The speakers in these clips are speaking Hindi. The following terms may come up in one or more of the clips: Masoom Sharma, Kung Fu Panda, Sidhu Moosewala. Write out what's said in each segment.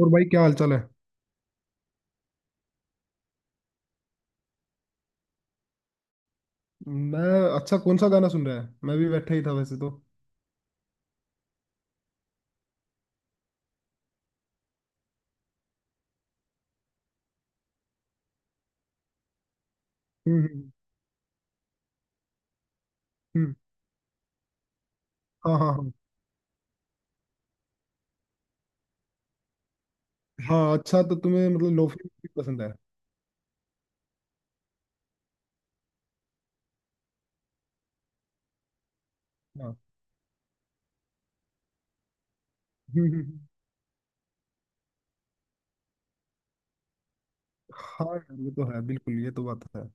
और भाई क्या हाल चाल है। मैं। अच्छा कौन सा गाना सुन रहा है, मैं भी बैठा ही था वैसे तो। हम्म हम्म हम्म, हाँ हाँ हाँ। हाँ अच्छा तो तुम्हें मतलब लोफी म्यूजिक पसंद है। हाँ। हम्म हम्म, हम्म। हाँ यार ये तो है बिल्कुल, ये तो बात है।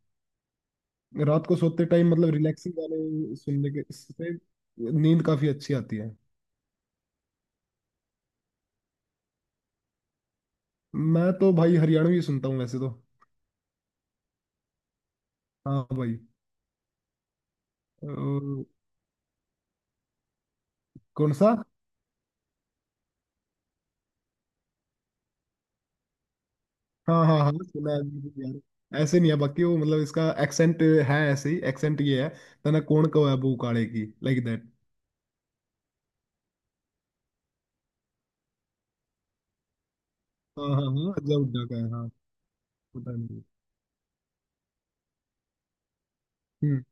रात को सोते टाइम मतलब रिलैक्सिंग गाने सुनने के इससे नींद काफी अच्छी आती है। मैं तो भाई हरियाणवी सुनता हूँ वैसे तो। हाँ भाई। अ, कौन सा? हाँ हाँ हाँ सुना है बिल्कुल यार, ऐसे नहीं है बाकी वो मतलब इसका एक्सेंट है ऐसे ही, एक्सेंट ये है। तना कोण को है बू काले की, लाइक दैट। हाँ हाँ हाँ अजय हुड्डा का है, हाँ। पता नहीं। हम्म।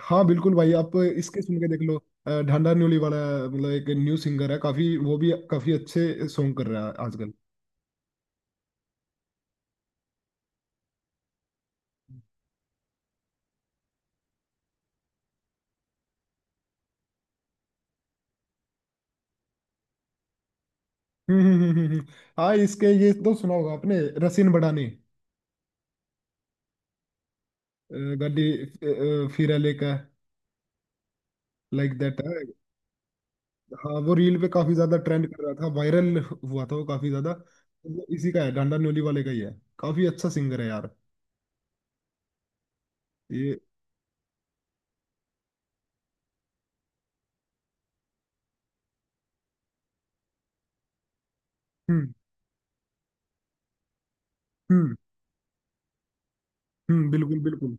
हाँ बिल्कुल भाई, आप इसके सुन के देख लो। ढांडा न्योली वाला, मतलब एक न्यू सिंगर है काफी, वो भी काफी अच्छे सॉन्ग कर रहा है आजकल। हम्म हम्म हम्म हम्म, हम्म। हाँ इसके ये तो सुना होगा आपने, रसिन बड़ानी गाड़ी फिरा लेकर, लाइक दैट है। हाँ वो रील पे काफी ज्यादा ट्रेंड कर रहा था, वायरल हुआ था वो काफी ज्यादा, तो वो इसी का है, डांडा न्योली वाले का ही है। काफी अच्छा सिंगर है यार। ये। हम्म हम्म बिल्कुल बिल्कुल।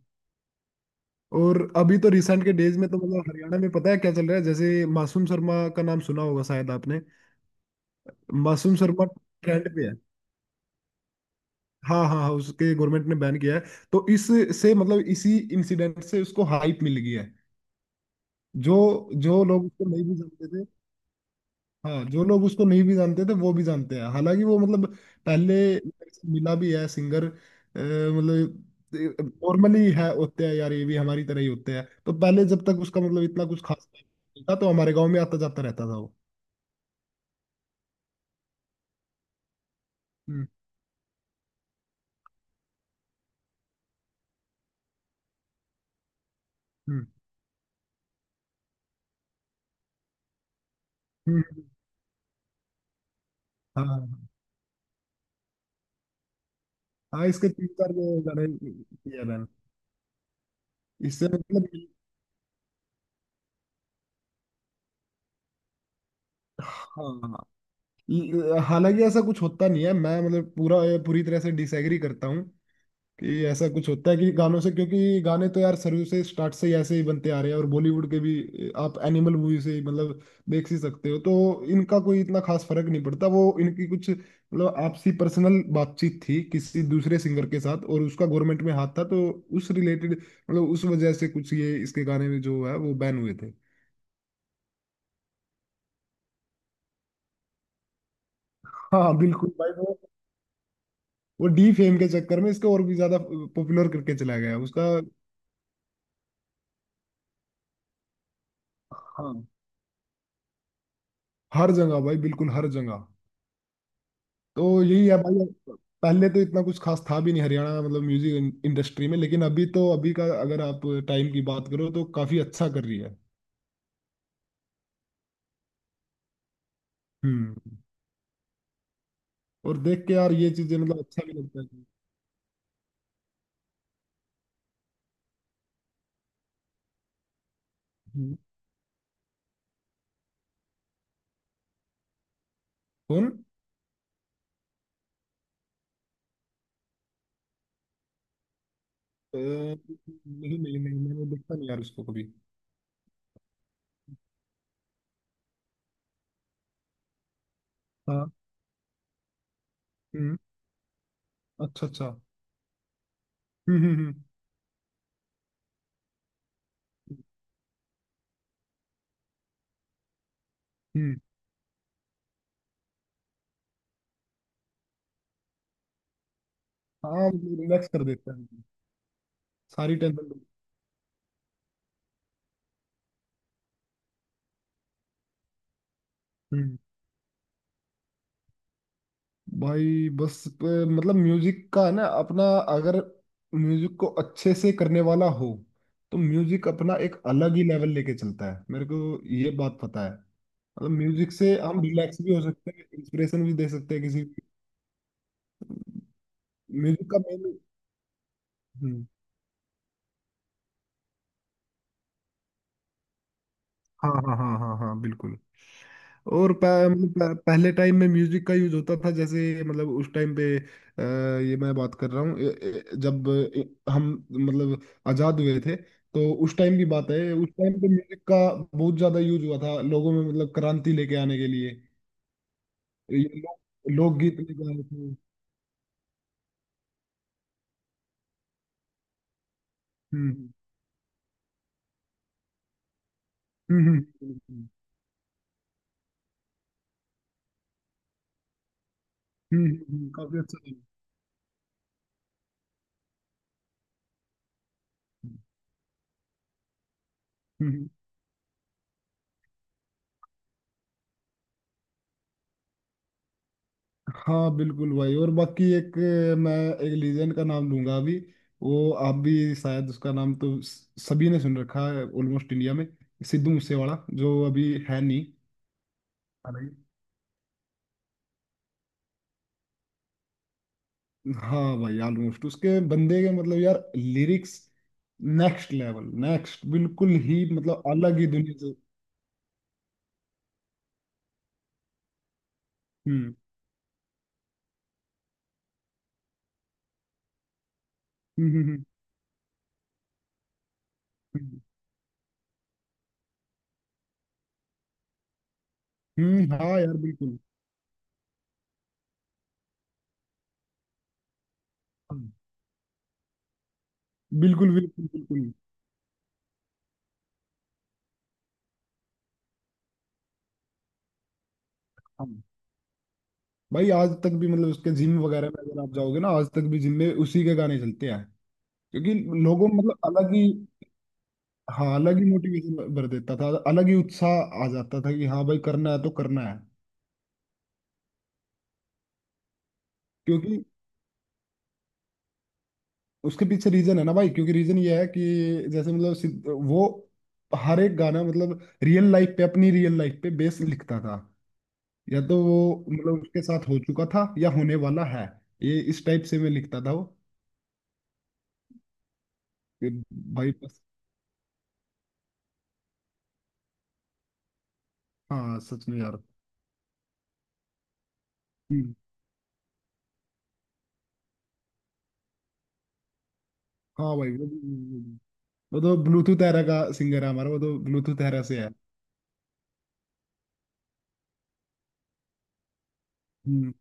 और अभी तो रिसेंट के डेज में तो मतलब हरियाणा में पता है क्या चल रहा है, जैसे मासूम शर्मा का नाम सुना होगा शायद आपने। मासूम शर्मा ट्रेंड पे है। हाँ हाँ हाँ उसके गवर्नमेंट ने बैन किया है, तो इससे मतलब इसी इंसिडेंट से उसको हाइप मिल गई है। जो जो लोग उसको नहीं भी जानते थे। हाँ जो लोग उसको नहीं भी जानते थे वो भी जानते हैं, हालांकि वो मतलब पहले मेरे से मिला भी है सिंगर मतलब नॉर्मली है, होते हैं यार ये भी हमारी तरह ही होते हैं, तो पहले जब तक उसका मतलब इतना कुछ खास नहीं था तो हमारे गांव में आता जाता रहता था वो। हम्म हम्म हम्म, हम्म, हाँ हाँ हाँ, इसके तीन चार जो गाने किया मैंने, इससे मतलब। हाँ हालांकि ऐसा कुछ होता नहीं है, मैं मतलब पूरा पूरी तरह से डिसएग्री करता हूँ कि ऐसा कुछ होता है कि गानों से, क्योंकि गाने तो यार शुरू से स्टार्ट से ही ऐसे ही बनते आ रहे हैं और बॉलीवुड के भी आप एनिमल मूवी से ही मतलब देख ही सकते हो, तो इनका कोई इतना खास फर्क नहीं पड़ता। वो इनकी कुछ मतलब आपसी पर्सनल बातचीत थी किसी दूसरे सिंगर के साथ और उसका गवर्नमेंट में हाथ था, तो उस रिलेटेड मतलब उस वजह से कुछ ये इसके गाने में जो है वो बैन हुए थे। हाँ बिल्कुल भाई, वो डी फेम के चक्कर में इसको और भी ज्यादा पॉपुलर करके चला गया उसका। हाँ हर जगह भाई, बिल्कुल हर जगह। तो यही है भाई, पहले तो इतना कुछ खास था भी नहीं हरियाणा मतलब म्यूजिक इंडस्ट्री में, लेकिन अभी तो अभी का अगर आप टाइम की बात करो तो काफी अच्छा कर रही है। हम्म। और देख के यार ये चीजें मतलब अच्छा भी लगता है। हम्म। कौन? नहीं नहीं नहीं, मैंने देखा नहीं यार उसको कभी। हाँ। हम्म। अच्छा अच्छा। हम्म हम्म हम्म हम्म, हाँ मतलब रिलैक्स कर देता है सारी टेंशन। भाई बस मतलब म्यूजिक का है ना अपना, अगर म्यूजिक को अच्छे से करने वाला हो तो म्यूजिक अपना एक अलग ही लेवल लेके चलता है, मेरे को ये बात पता है। मतलब म्यूजिक से हम रिलैक्स भी हो सकते हैं, इंस्पिरेशन भी दे सकते हैं किसी। म्यूजिक का मेन। हाँ हाँ हाँ हाँ हाँ बिल्कुल। और पहले टाइम में म्यूजिक का यूज होता था, जैसे मतलब उस टाइम पे ये मैं बात कर रहा हूँ जब ए- हम मतलब आजाद हुए थे, तो उस टाइम की बात है, उस टाइम पे म्यूजिक का बहुत ज्यादा यूज हुआ था लोगों में मतलब क्रांति लेके आने के लिए, ये लोग लोकगीत लेके आए थे। हम्म हम्म हम्म हम्म हम्म, काफी अच्छा था। हम्म, हम्म, हाँ बिल्कुल भाई, और बाकी एक मैं एक लीजेंड का नाम लूंगा अभी, वो आप भी शायद उसका नाम तो सभी ने सुन रखा है ऑलमोस्ट इंडिया में, सिद्धू मूसेवाला, जो अभी है नहीं। हाँ भाई। हाँ भाई ऑलमोस्ट उसके बंदे के मतलब यार लिरिक्स नेक्स्ट लेवल, नेक्स्ट बिल्कुल ही मतलब अलग ही दुनिया से। हम्म हम्म हम्म हम्म, हाँ यार बिल्कुल। हाँ, बिल्कुल बिल्कुल बिल्कुल। भाई आज तक भी मतलब उसके जिम वगैरह में अगर आप जाओगे ना, आज तक भी जिम में उसी के गाने चलते हैं, क्योंकि लोगों में मतलब अलग ही। हाँ अलग ही मोटिवेशन भर देता था, अलग ही उत्साह आ जाता था कि हाँ भाई करना है तो करना है। क्योंकि उसके पीछे रीजन है ना भाई, क्योंकि रीजन ये है कि जैसे मतलब वो हर एक गाना मतलब रियल लाइफ पे, अपनी रियल लाइफ पे बेस लिखता था, या तो वो मतलब उसके साथ हो चुका था या होने वाला है, ये इस टाइप से मैं लिखता था वो, कि भाई बस। हाँ सच में यार। हम्म। हाँ भाई वो तो ब्लूटूथ एरा का सिंगर है हमारा, वो तो ब्लूटूथ एरा से है। हम्म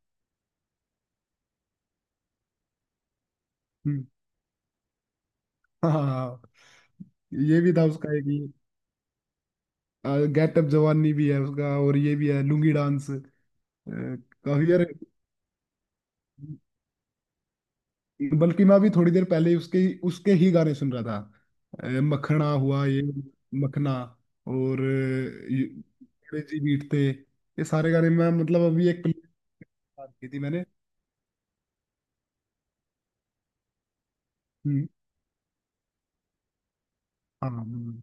हम्म हाँ हाँ, हाँ। ये भी था उसका एक, ये गेट अप जवानी भी है उसका, और ये भी है लुंगी डांस, काफी यार। बल्कि मैं अभी थोड़ी देर पहले ही उसके उसके ही गाने सुन रहा था, मखना हुआ ये, मखना, और ये अंग्रेजी बीट पे, ये सारे गाने मैं मतलब अभी एक प्ले की थी मैंने। हम्म हाँ।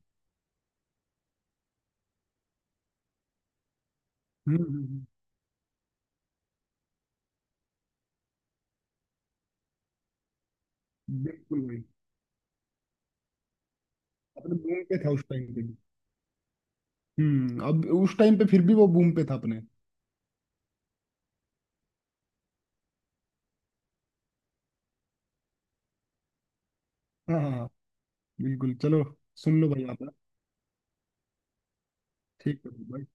हम्म, हम्म, हम्म, बिल्कुल भाई, अपने बूम पे था उस टाइम पे भी। अब उस टाइम पे फिर भी वो बूम पे था अपने। हाँ हाँ हाँ, बिल्कुल चलो, सुन लो भाई आप ना। ठीक है भाई।